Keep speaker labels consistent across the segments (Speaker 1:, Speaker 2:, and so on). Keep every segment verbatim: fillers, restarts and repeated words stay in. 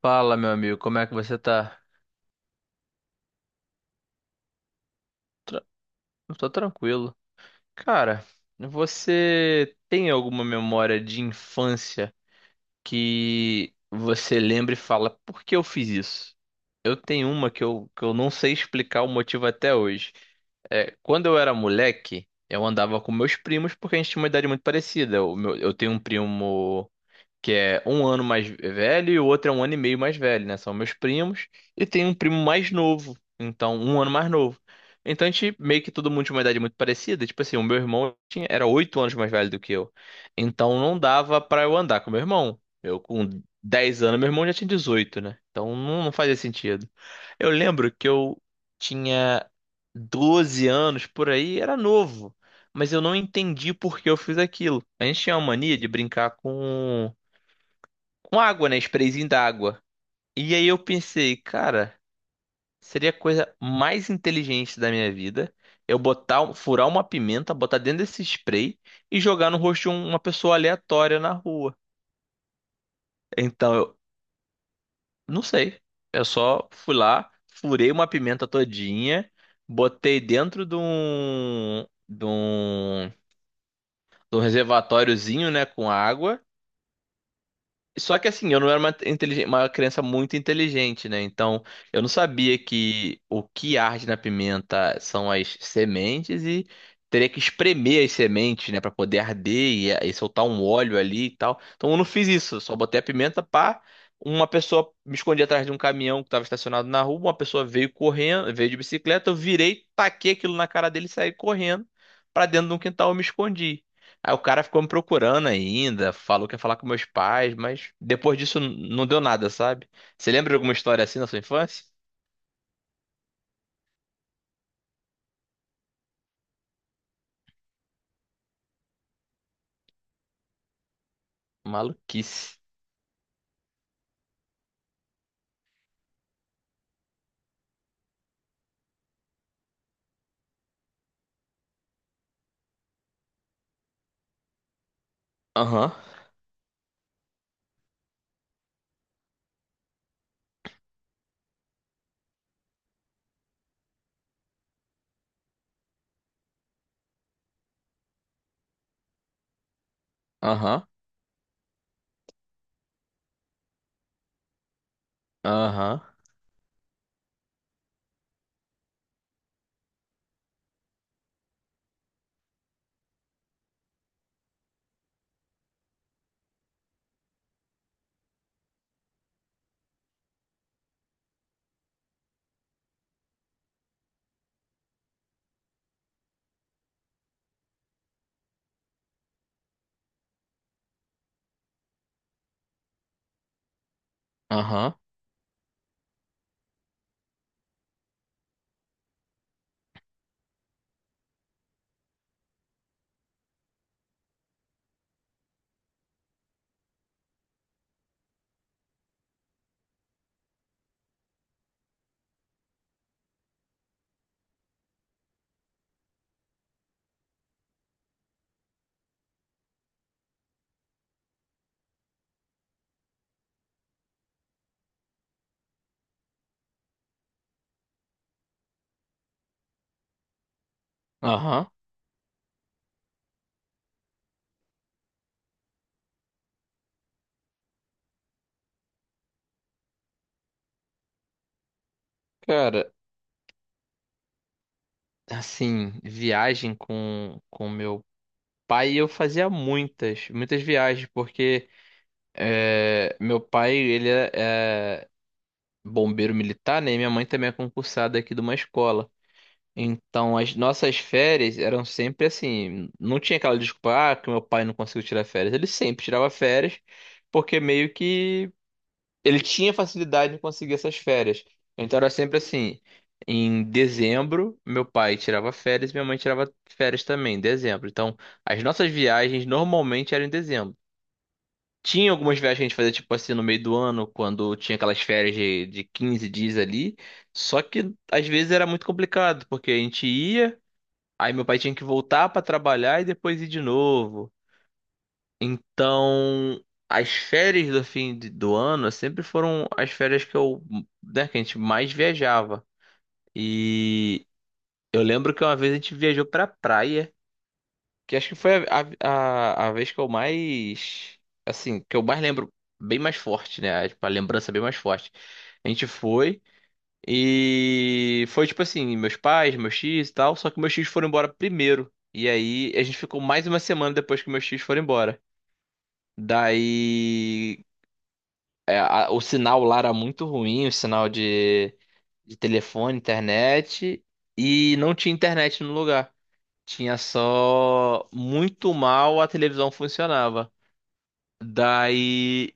Speaker 1: Fala, meu amigo, como é que você tá? Tra- Eu tô tranquilo. Cara, você tem alguma memória de infância que você lembra e fala, por que eu fiz isso? Eu tenho uma que eu, que eu não sei explicar o motivo até hoje. É, quando eu era moleque, eu andava com meus primos porque a gente tinha uma idade muito parecida. O meu- eu tenho um primo que é um ano mais velho e o outro é um ano e meio mais velho, né? São meus primos. E tem um primo mais novo, então um ano mais novo. Então a gente meio que todo mundo tinha uma idade muito parecida. Tipo assim, o meu irmão tinha, era oito anos mais velho do que eu. Então não dava pra eu andar com meu irmão. Eu com dez anos, meu irmão já tinha dezoito, né? Então não, não fazia sentido. Eu lembro que eu tinha doze anos por aí, era novo. Mas eu não entendi por que eu fiz aquilo. A gente tinha uma mania de brincar com com água, né? Sprayzinho d'água. E aí eu pensei, cara, seria a coisa mais inteligente da minha vida eu botar, um- furar uma pimenta, botar dentro desse spray e jogar no rosto de um- uma pessoa aleatória na rua. Então eu não sei. Eu só fui lá, furei uma pimenta todinha, botei dentro de um, de um, de um reservatóriozinho, né, com água. Só que assim, eu não era uma, inteligen- uma criança muito inteligente, né? Então, eu não sabia que o que arde na pimenta são as sementes e teria que espremer as sementes, né, pra poder arder e, e soltar um óleo ali e tal. Então, eu não fiz isso, eu só botei a pimenta pá. Uma pessoa me escondi atrás de um caminhão que estava estacionado na rua, uma pessoa veio correndo, veio de bicicleta, eu virei, taquei aquilo na cara dele e saí correndo pra dentro de um quintal, eu me escondi. Aí o cara ficou me procurando ainda, falou que ia falar com meus pais, mas depois disso n- não deu nada, sabe? Você lembra de alguma história assim na sua infância? Maluquice. Aham, aham, aham, aham, aham. Cara, assim, viagem com com meu pai, eu fazia muitas, muitas viagens, porque é, meu pai, ele é, é bombeiro militar, né? E minha mãe também é concursada aqui de uma escola. Então, as nossas férias eram sempre assim. Não tinha aquela desculpa, ah, que meu pai não conseguiu tirar férias. Ele sempre tirava férias, porque meio que ele tinha facilidade em conseguir essas férias. Então, era sempre assim. Em dezembro, meu pai tirava férias e minha mãe tirava férias também, em dezembro. Então, as nossas viagens normalmente eram em dezembro. Tinha algumas viagens que a gente fazia, tipo assim, no meio do ano, quando tinha aquelas férias de, de quinze dias ali. Só que às vezes era muito complicado, porque a gente ia. Aí meu pai tinha que voltar pra trabalhar e depois ir de novo. Então, as férias do fim de- do ano sempre foram as férias que eu, né, que a gente mais viajava. E eu lembro que uma vez a gente viajou pra praia, que acho que foi a, a, a vez que eu mais, assim, que eu mais lembro bem mais forte, né? Tipo, a lembrança bem mais forte. A gente foi. E foi tipo assim, meus pais, meus tios e tal, só que meus tios foram embora primeiro. E aí a gente ficou mais uma semana depois que meus tios foram embora. Daí é, a- o sinal lá era muito ruim, o sinal de, de telefone, internet, e não tinha internet no lugar. Tinha só muito mal a televisão funcionava. Daí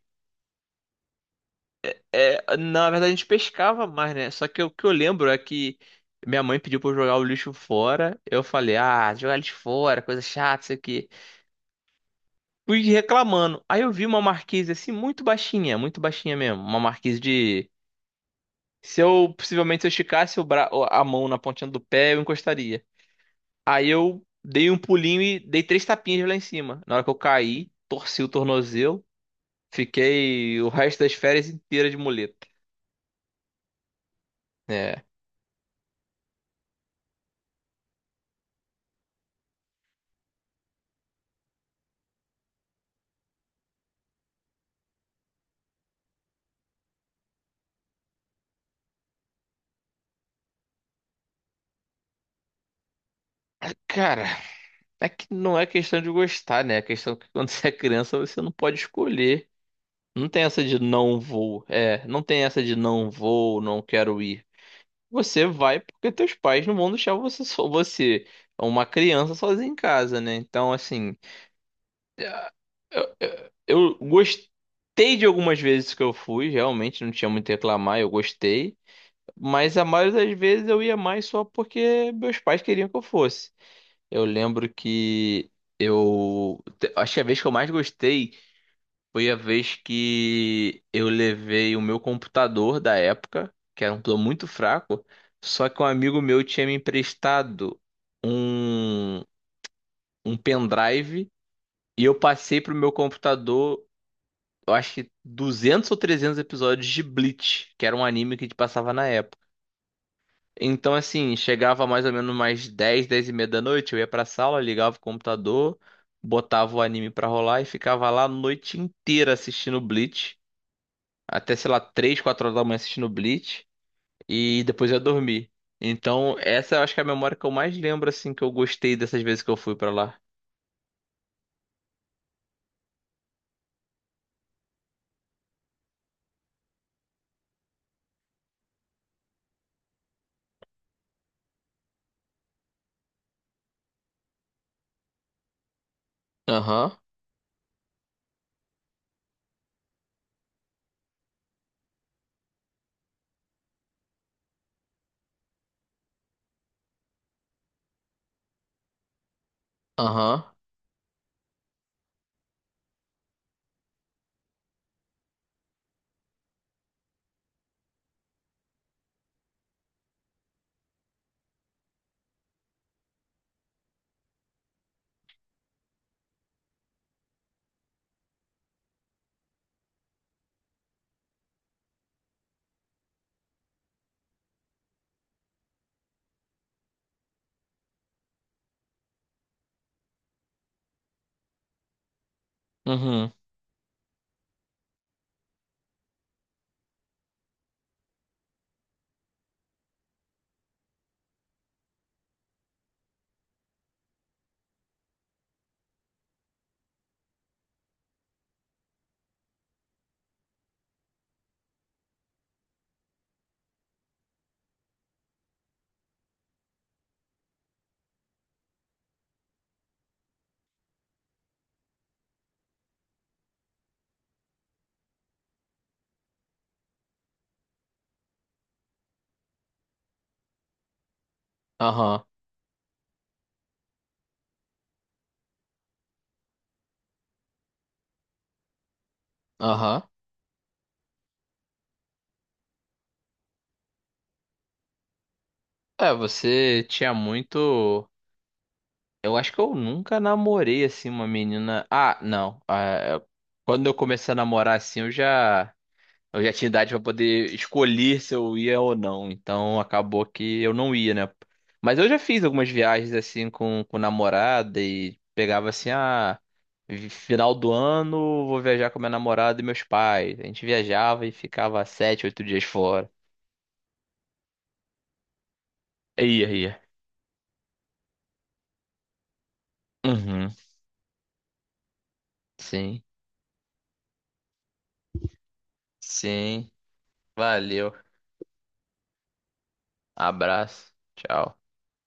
Speaker 1: é, na verdade, a gente pescava mais, né? Só que o que eu lembro é que minha mãe pediu pra eu jogar o lixo fora. Eu falei, ah, jogar lixo fora, coisa chata, isso aqui. Fui reclamando. Aí eu vi uma marquise assim, muito baixinha, muito baixinha mesmo. Uma marquise de. Se eu, possivelmente, se eu esticasse o bra... a mão na pontinha do pé, eu encostaria. Aí eu dei um pulinho e dei três tapinhas lá em cima. Na hora que eu caí, torci o tornozelo, fiquei o resto das férias inteira de muleta. É. Cara. É que não é questão de gostar, né? É questão que quando você é criança você não pode escolher. Não tem essa de não vou. É, não tem essa de não vou, não quero ir. Você vai porque teus pais não vão deixar você só você, é uma criança sozinha em casa, né? Então, assim, eu, eu, eu gostei de algumas vezes que eu fui, realmente não tinha muito a reclamar, eu gostei. Mas a maioria das vezes eu ia mais só porque meus pais queriam que eu fosse. Eu lembro que eu. te- acho que a vez que eu mais gostei foi a vez que eu levei o meu computador da época, que era um plano muito fraco, só que um amigo meu tinha me emprestado um, um pendrive e eu passei pro meu computador, eu acho que duzentos ou trezentos episódios de Bleach, que era um anime que a gente passava na. Então, assim, chegava mais ou menos mais dez, dez e meia da noite, eu ia pra sala, ligava o computador, botava o anime pra rolar e ficava lá a noite inteira assistindo Bleach. Até, sei lá, três, quatro horas da manhã assistindo Bleach. E depois eu ia dormir. Então, essa eu acho que é a memória que eu mais lembro, assim, que eu gostei dessas vezes que eu fui pra lá. Aham, aham, uhum, aham, aham. É, você tinha muito. Eu acho que eu nunca namorei assim uma menina. Ah, não. Ah, é, quando eu comecei a namorar assim, eu já eu já tinha idade pra poder escolher se eu ia ou não. Então acabou que eu não ia, né? Mas eu já fiz algumas viagens assim com com namorada e pegava assim ah, vi- final do ano vou viajar com minha namorada e meus pais. A gente viajava e ficava sete, oito dias fora. Ia, ia. Uhum. Sim. Sim. Valeu. Abraço. Tchau.